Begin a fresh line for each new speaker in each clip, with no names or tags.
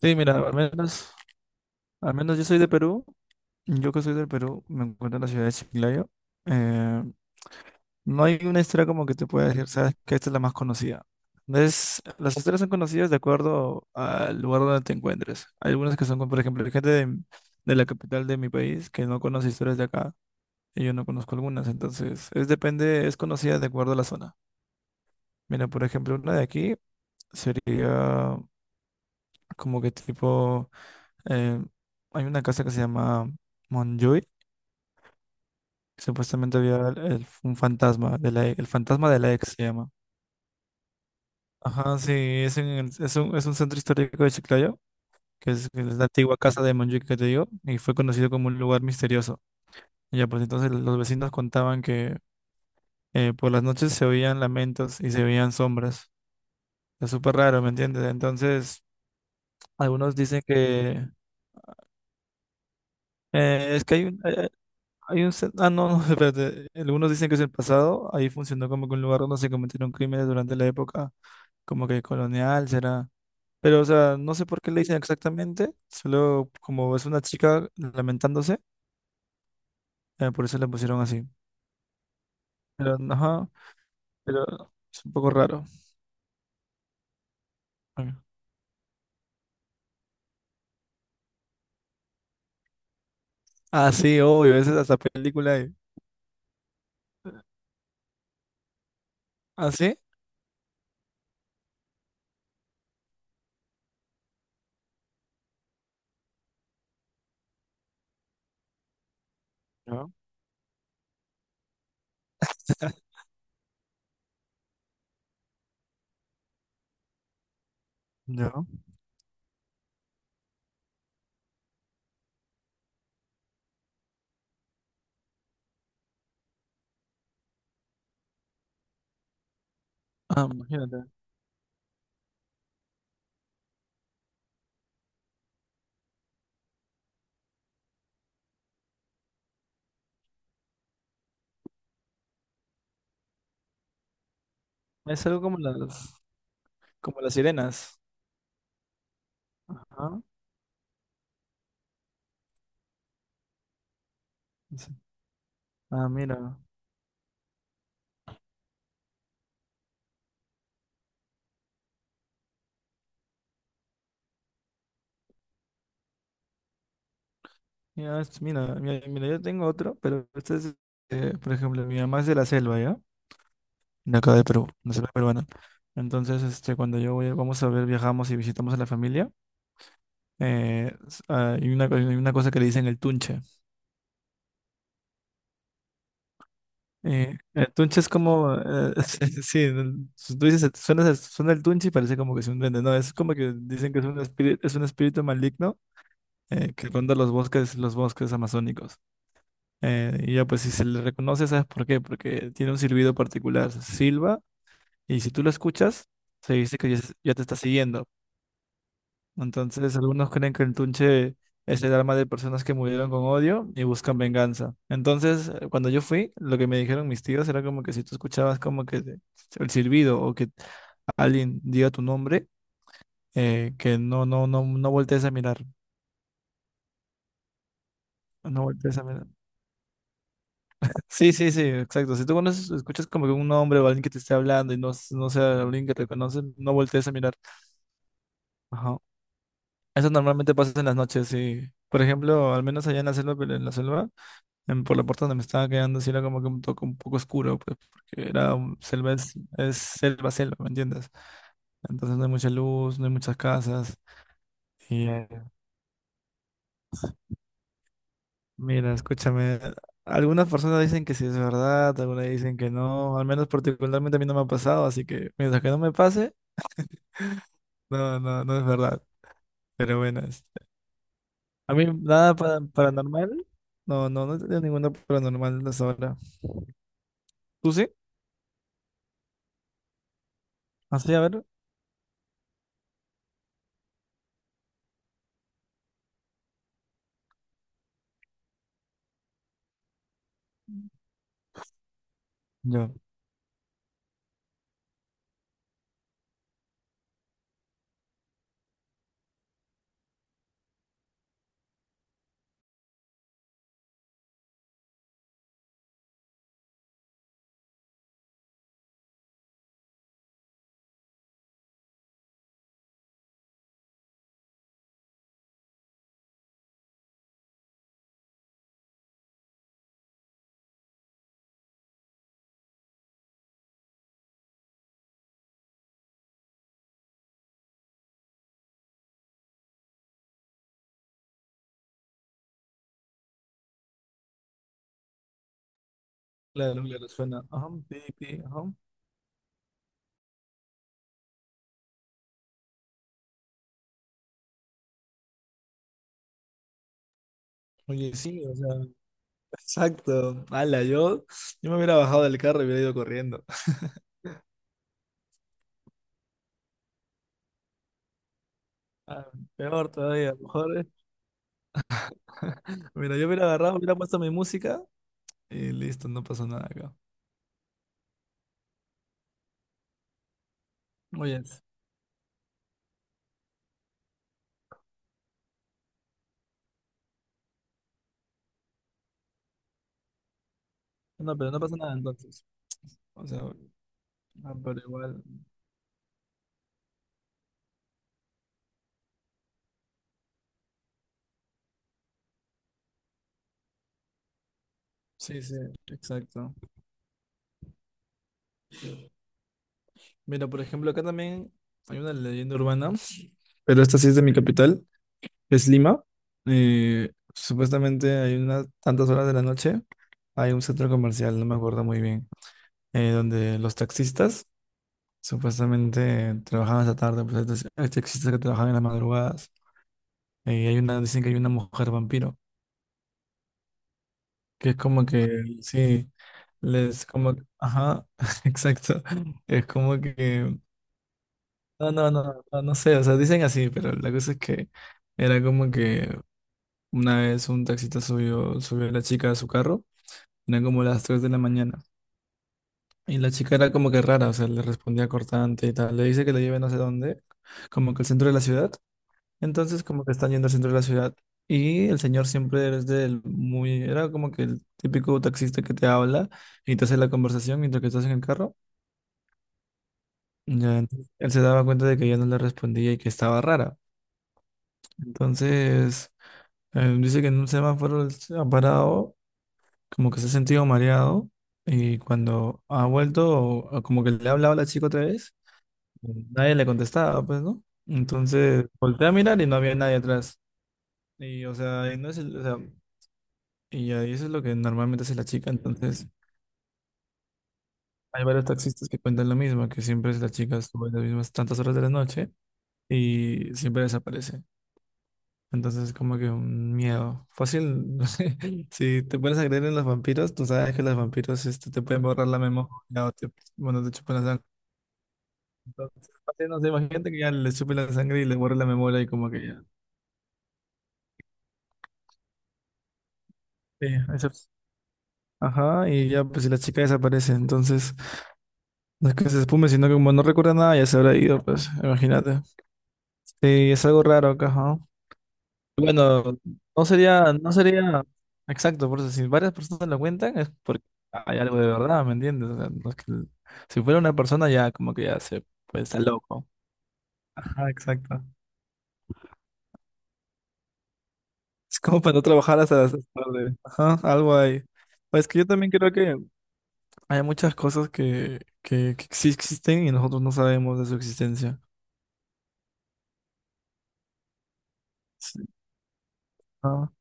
Sí, mira, al menos yo soy de Perú. Yo que soy del Perú, me encuentro en la ciudad de Chiclayo. Eh, no hay una historia como que te pueda decir, sabes que esta es la más conocida. No es, las historias son conocidas de acuerdo al lugar donde te encuentres. Hay algunas que son, como, por ejemplo, hay gente de la capital de mi país que no conoce historias de acá y yo no conozco algunas. Entonces, es depende, es conocida de acuerdo a la zona. Mira, por ejemplo, una de aquí sería como que tipo. eh, Hay una casa que se llama Montjuïc. Supuestamente había un fantasma de la, e- el fantasma de la ex se llama. Ajá, sí, es, es un centro histórico de Chiclayo, que es la antigua casa de Montjuïc que te digo, y fue conocido como un lugar misterioso. Ya, pues entonces los vecinos contaban que por las noches se oían lamentos y se veían sombras. Es súper raro, ¿me entiendes? Entonces, algunos dicen que es que hay un, Ah, no, no, espérate. Algunos dicen que es el pasado. Ahí funcionó como que un lugar donde se cometieron crímenes durante la época, como que colonial, será. Pero, o sea, no sé por qué le dicen exactamente. Solo como es una chica lamentándose, por eso le pusieron así. Pero, ajá, pero es un poco raro. Ok. Ah, sí, obvio, esa es hasta película hay. ¿Ah, sí? ¿No? No. Ah, imagínate. Es algo como las sirenas. Ajá. Sí. Ah, mira. Ya, mira, mira, mira, yo tengo otro, pero este es, por ejemplo, mi mamá es de la selva, ¿ya? De acá de Perú, la selva peruana. Entonces, este, cuando yo voy, vamos a ver, viajamos y visitamos a la familia, hay una cosa que le dicen el tunche. El tunche es como, sí, sí, tú dices, suena el tunche y parece como que es un duende, no, es como que dicen que es un espíritu maligno, que ronda los bosques amazónicos. Y ya pues si se le reconoce, ¿sabes por qué? Porque tiene un silbido particular, silba, y si tú lo escuchas, se dice que ya, ya te está siguiendo. Entonces algunos creen que el tunche es el alma de personas que murieron con odio y buscan venganza. Entonces, cuando yo fui, lo que me dijeron mis tíos era como que si tú escuchabas como que el silbido o que alguien diga tu nombre, que no, no, no, no voltees a mirar, no voltees a mirar. Sí, sí, sí, exacto. Si tú conoces, escuchas como que un hombre o alguien que te esté hablando y no, no sea alguien que te conoce, no voltees a mirar. Ajá. Eso normalmente pasa en las noches, y por ejemplo, al menos allá en la selva, pero en la selva, por la puerta donde me estaba quedando, sí era como que un toque un poco oscuro, pues, porque era selva, es selva, selva, ¿me entiendes? Entonces no hay mucha luz, no hay muchas casas. Y mira, escúchame, algunas personas dicen que sí es verdad, algunas dicen que no, al menos particularmente a mí no me ha pasado, así que mientras que no me pase... No, no, no es verdad. Pero bueno, este, a mí nada paranormal. No, no, no he tenido ninguna paranormal hasta ahora. ¿Tú sí? Así, a ver. Yo. Claro, claro, suena. Ajá, pi, pi, ajá. Oye, sí, o sea, exacto. Ala, yo me hubiera bajado del carro y hubiera ido corriendo. Ah, peor todavía, mejor. Mira, yo hubiera agarrado, hubiera puesto mi música y listo, no pasó nada acá. Oye, no, pero no pasa nada entonces. O sea, pero igual. Sí, sí, exacto. Mira, por ejemplo, acá también hay una leyenda urbana, pero esta sí es de mi capital, es Lima. Supuestamente hay unas tantas horas de la noche, hay un centro comercial, no me acuerdo muy bien, donde los taxistas supuestamente trabajaban hasta tarde, pues hay hay taxistas que trabajan en las madrugadas. Dicen que hay una mujer vampiro, que es como que, sí, les como, ajá, exacto, es como que no, no, no, no, no sé, o sea, dicen así, pero la cosa es que era como que una vez un taxista subió, a la chica a su carro, eran como las 3 de la mañana, y la chica era como que rara, o sea, le respondía cortante y tal, le dice que la lleve no sé dónde, como que al centro de la ciudad, entonces como que están yendo al centro de la ciudad, y el señor siempre es del muy, era como que el típico taxista que te habla y te hace la conversación mientras que estás en el carro, ya, entonces, él se daba cuenta de que ella no le respondía y que estaba rara, entonces... Dice que en un semáforo él se ha parado, como que se ha sentido mareado, y cuando ha vuelto, o como que le ha hablado a la chica otra vez, nadie le contestaba, pues, ¿no? Entonces volteé a mirar y no había nadie atrás. Y, o sea, y no es o sea, y ahí eso es lo que normalmente hace la chica. Entonces, hay varios taxistas que cuentan lo mismo, que siempre es la chica sube las mismas tantas horas de la noche y siempre desaparece. Entonces es como que un miedo. Fácil, no sé, si te pones a creer en los vampiros, tú sabes que los vampiros este, te pueden borrar la memoria o te, bueno, te chupan la sangre. Entonces, fácil, no sé, imagínate que ya le chupen la sangre y le borren la memoria y como que ya. Sí, eso. Ajá, y ya pues si la chica desaparece, entonces no es que se espume, sino que como no recuerda nada, ya se habrá ido, pues, imagínate. Sí, es algo raro acá, ajá. Bueno, no sería exacto, por eso si varias personas lo cuentan es porque hay algo de verdad, ¿me entiendes? O sea, no es si fuera una persona ya como que ya se pues está loco. Ajá, exacto. Es como para no trabajar hasta las 6 tarde. Ajá, algo ahí. Pues que yo también creo que hay muchas cosas que sí existen y nosotros no sabemos de su existencia. Sí. Ajá.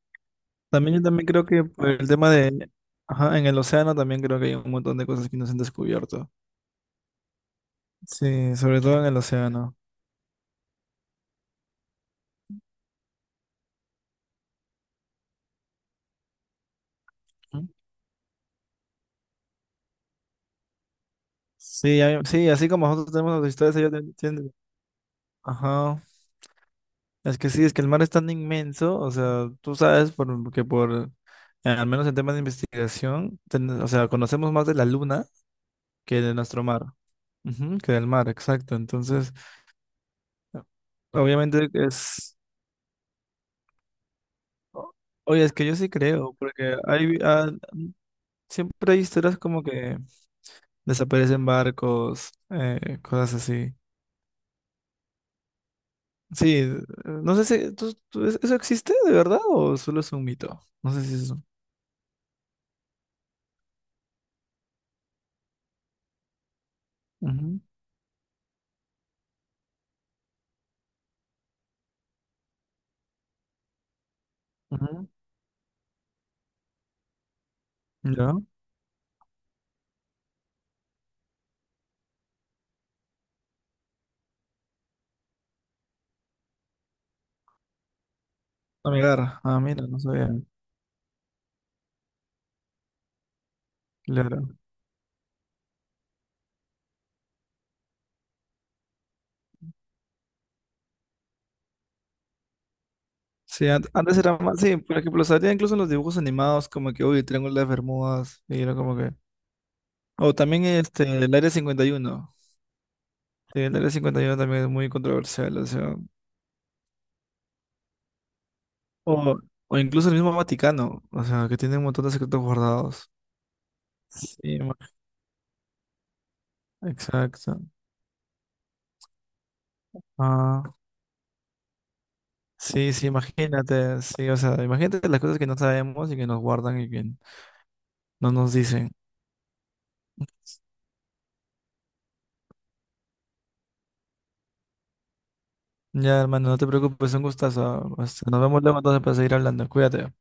También yo también creo que por el tema de, ajá, en el océano también creo que hay un montón de cosas que no se han descubierto. Sí, sobre todo en el océano. Ujú. Sí, sí, así como nosotros tenemos las historias, ellos también tienen. Ajá. Es que sí, es que el mar es tan inmenso, o sea, tú sabes por, que por, al menos en temas de investigación, o sea, conocemos más de la luna que de nuestro mar. Ujú, que del mar, exacto. Entonces, obviamente es, o- oye, es que yo sí creo, porque siempre hay historias como que desaparecen barcos, cosas así. Sí, no sé si eso existe de verdad o solo es un mito. No sé si es eso. Ujú, ujú, ya. Amigar, ah, mira, no sabía. Claro. Sí, antes era más, sí, por ejemplo, salía incluso en los dibujos animados como que, uy, Triángulo de las Bermudas, y era como que... O también este, el Área 51. Sí, el Área 51 también es muy controversial, o sea... O, o incluso el mismo Vaticano, o sea, que tiene un montón de secretos guardados. Sí, exacto. Ah. Sí, sí, imagínate, sí, o sea, imagínate las cosas que no sabemos y que nos guardan y que no nos dicen. Ya, hermano, no te preocupes, un gustazo. Nos vemos luego entonces para seguir hablando. Cuídate.